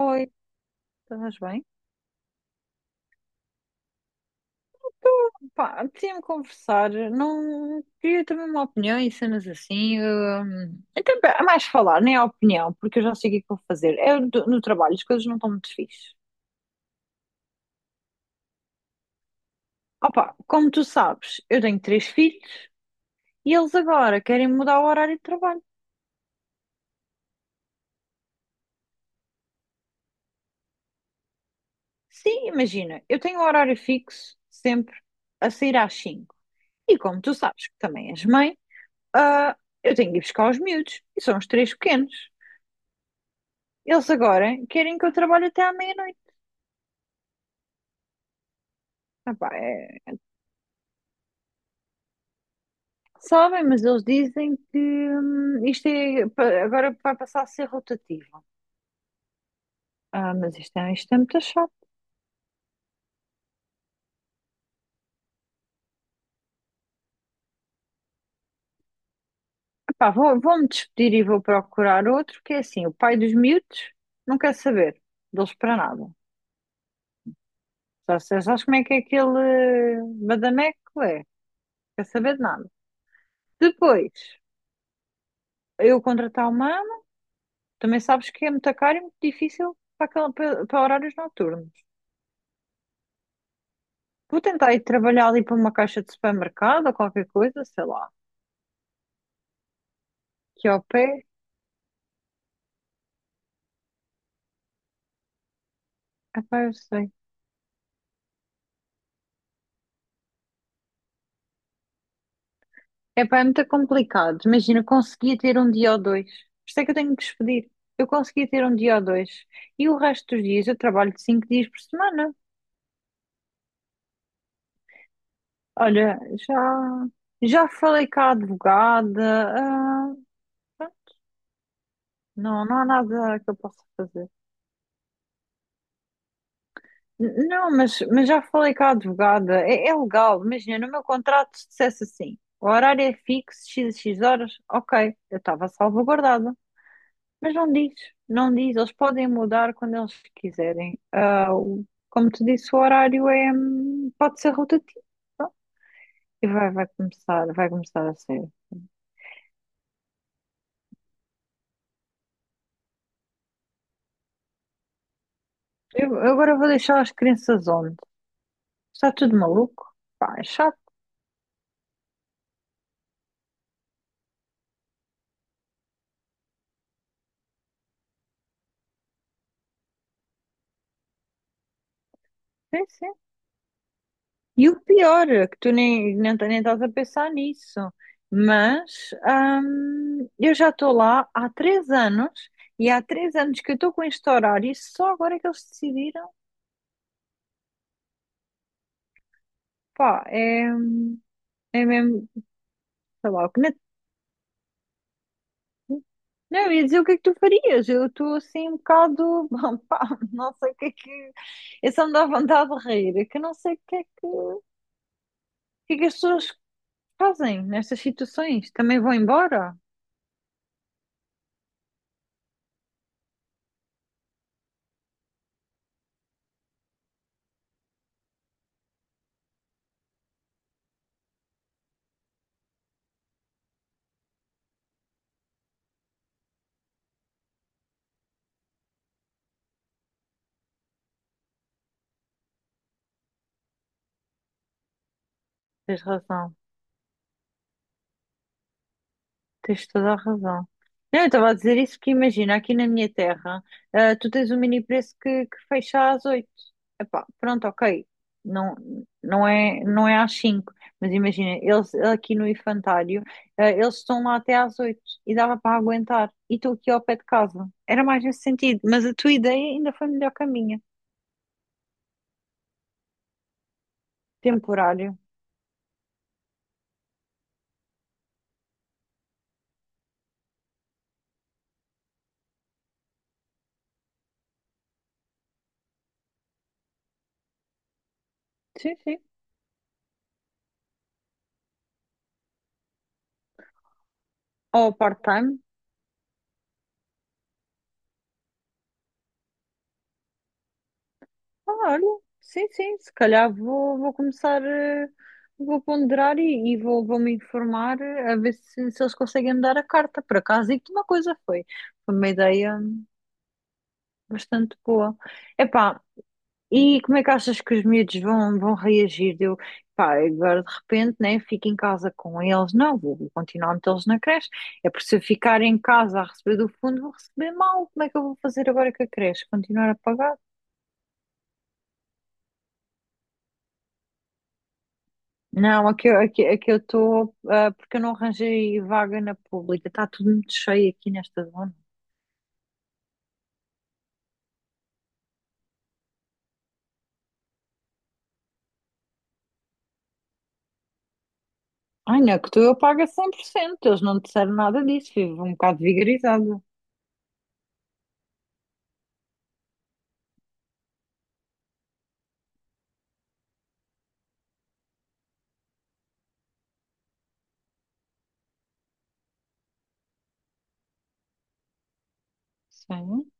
Oi, estás bem? Pá, apetecia-me conversar, não queria também uma opinião e cenas assim. Então, pá, é mais falar, nem a opinião, porque eu já sei o que é que vou fazer. É no trabalho, as coisas não estão muito fixe. Opa, como tu sabes, eu tenho três filhos e eles agora querem mudar o horário de trabalho. Sim, imagina, eu tenho um horário fixo, sempre a sair às cinco. E como tu sabes que também és mãe, ah, eu tenho que ir buscar os miúdos, e são os três pequenos. Eles agora querem que eu trabalhe até à meia-noite. Ah pá, é- Sabem, mas eles dizem que agora vai passar a ser rotativo. Ah, mas isto é muito chato. Ah pá, vou-me despedir e vou procurar outro, que é assim, o pai dos miúdos não quer saber deles para nada. Sabes como é que é aquele badameco é? Não. Quer saber de nada. Depois, eu contratar uma ama, também sabes que é muito caro e muito difícil para, para horários noturnos. Vou tentar ir trabalhar ali para uma caixa de supermercado ou qualquer coisa, sei lá. Que ao pé, epá, eu sei. Epá, é muito complicado. Imagina, conseguia ter um dia ou dois. Isto é que eu tenho que despedir. Eu conseguia ter um dia ou dois. E o resto dos dias eu trabalho cinco dias por semana. Olha, já, já falei com a advogada. Não, não há nada que eu possa fazer. Não, mas já falei com a advogada, é legal, imagina, no meu contrato se dissesse assim, o horário é fixo, x horas, ok, eu estava salvaguardada, mas não diz, não diz, eles podem mudar quando eles quiserem. Como te disse, o horário pode ser rotativo, pronto, e vai começar a ser. Eu agora vou deixar as crianças onde? Está tudo maluco? Pá, é chato, sim, sim. E o pior, é que tu nem estás a pensar nisso, mas eu já estou lá há três anos e há três anos que eu estou com este horário e só agora é que eles decidiram, pá, é mesmo, sei lá, o que não, não, eu ia dizer o que é que tu farias, eu estou assim um bocado, pá, não sei o que é que, eu só me dá vontade de rir, é que eu não sei o que é que, o que é que as pessoas fazem nestas situações, também vão embora, tens razão. Tens toda a razão. Não, eu estava a dizer isso porque imagina, aqui na minha terra, ah, tu tens um mini preço que fecha às 8. Epá, pronto, ok. Não, não é, não é às 5, mas imagina, eles aqui no infantário, ah, eles estão lá até às 8 e dava para aguentar. E estou aqui ao pé de casa. Era mais nesse sentido, mas a tua ideia ainda foi melhor que a minha. Temporário. Sim, sim. Ou part-time, ah, olha, sim, sim, se calhar vou começar, vou ponderar e vou me informar a ver se, se eles conseguem me dar a carta. Por acaso, e que uma coisa foi, foi uma ideia bastante boa. Epá, e como é que achas que os miúdos vão reagir? Eu, pá, agora de repente, né, fico em casa com eles. Não, vou continuar a metê-los na creche. É porque se eu ficar em casa a receber do fundo, vou receber mal. Como é que eu vou fazer agora com a creche? Continuar a pagar? Não, aqui eu estou, porque eu não arranjei vaga na pública. Está tudo muito cheio aqui nesta zona. Ai, não, é que tu eu pago a cem por cento. Eles não disseram nada disso. Vivo um bocado vigarizada. Sim,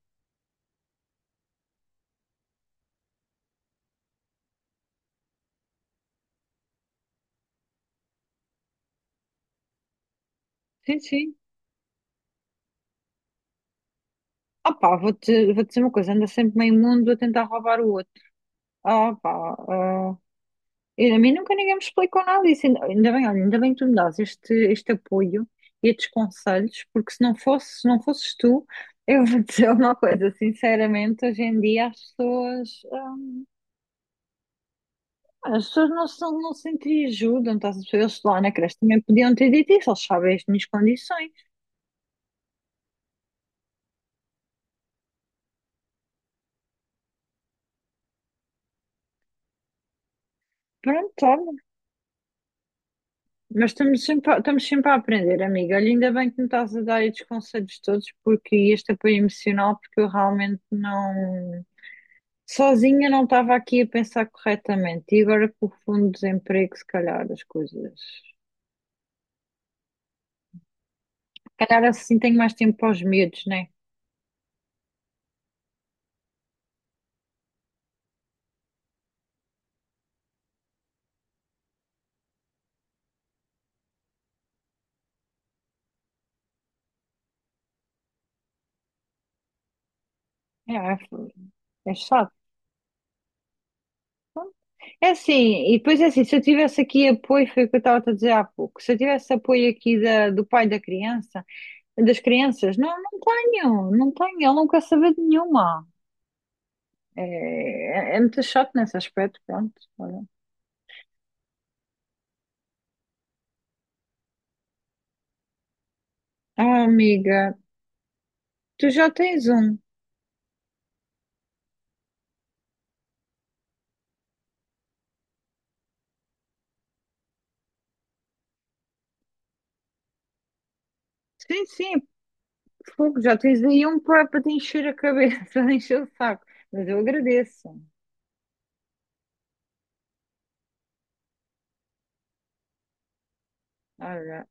sim, sim. Ah pá, vou dizer uma coisa. Anda sempre meio mundo a tentar roubar o outro. Ah pá, A mim nunca ninguém me explicou nada disso. Ainda bem, olha, ainda bem que tu me dás este, este apoio e estes conselhos, porque se não fosse, se não fosses tu, eu vou dizer uma coisa, sinceramente, hoje em dia as pessoas, as pessoas não se entreajudam, estás a perceber? Eles lá na creche também podiam ter dito isso, eles sabem as minhas condições. Pronto, olha, mas estamos sempre, estamos sempre a aprender, amiga. Olha, ainda bem que me estás a dar estes conselhos todos, porque e este apoio emocional, porque eu realmente não. Sozinha não estava aqui a pensar corretamente. E agora com o fundo de desemprego, se calhar as coisas. Se calhar assim tenho mais tempo para os medos, né? É, é É chato. É assim, e depois é assim, se eu tivesse aqui apoio, foi o que eu estava a dizer há pouco, se eu tivesse apoio aqui da, do pai da criança, das crianças, não, não tenho, não tenho, ele não quer saber de nenhuma. É, é muito chato nesse aspecto, pronto. Olha. Ah, amiga, tu já tens um. Sim, sim, fogo, já tens aí um para te encher a cabeça, para encher o saco. Mas eu agradeço. Olha,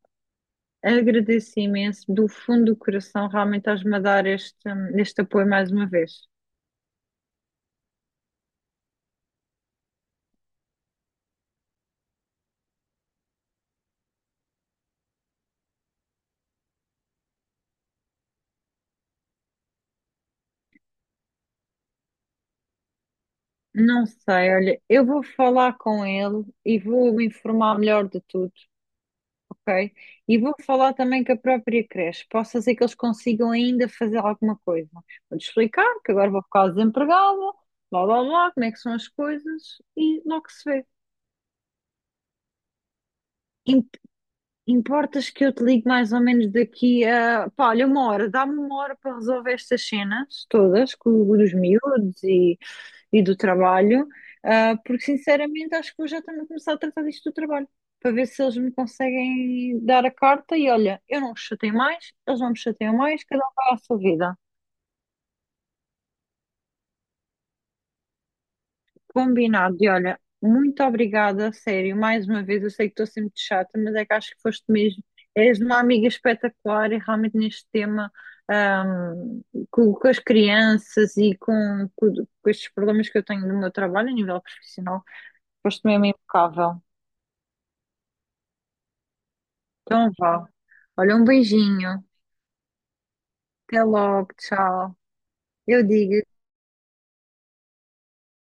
agradeço imenso do fundo do coração. Realmente estás-me a dar este, este apoio mais uma vez. Não sei, olha, eu vou falar com ele e vou me informar melhor de tudo, ok? E vou falar também com a própria creche. Possa ser que eles consigam ainda fazer alguma coisa. Vou-te explicar que agora vou ficar desempregada, blá blá blá, como é que são as coisas e logo se vê. Importas que eu te ligue mais ou menos daqui a, pá, olha, uma hora, dá-me uma hora para resolver estas cenas todas, com os miúdos e do trabalho, porque sinceramente acho que vou já também começar a tratar disto do trabalho, para ver se eles me conseguem dar a carta e olha, eu não os chateio mais, eles não me chateiam mais, cada um vai à sua vida. Combinado. E olha, muito obrigada, a sério. Mais uma vez, eu sei que estou sempre de chata, mas é que acho que foste mesmo. És uma amiga espetacular e realmente neste tema, ahm, com as crianças com, com estes problemas que eu tenho no meu trabalho a nível profissional, foste mesmo impecável. Então vá. Olha, um beijinho. Até logo. Tchau. Eu digo.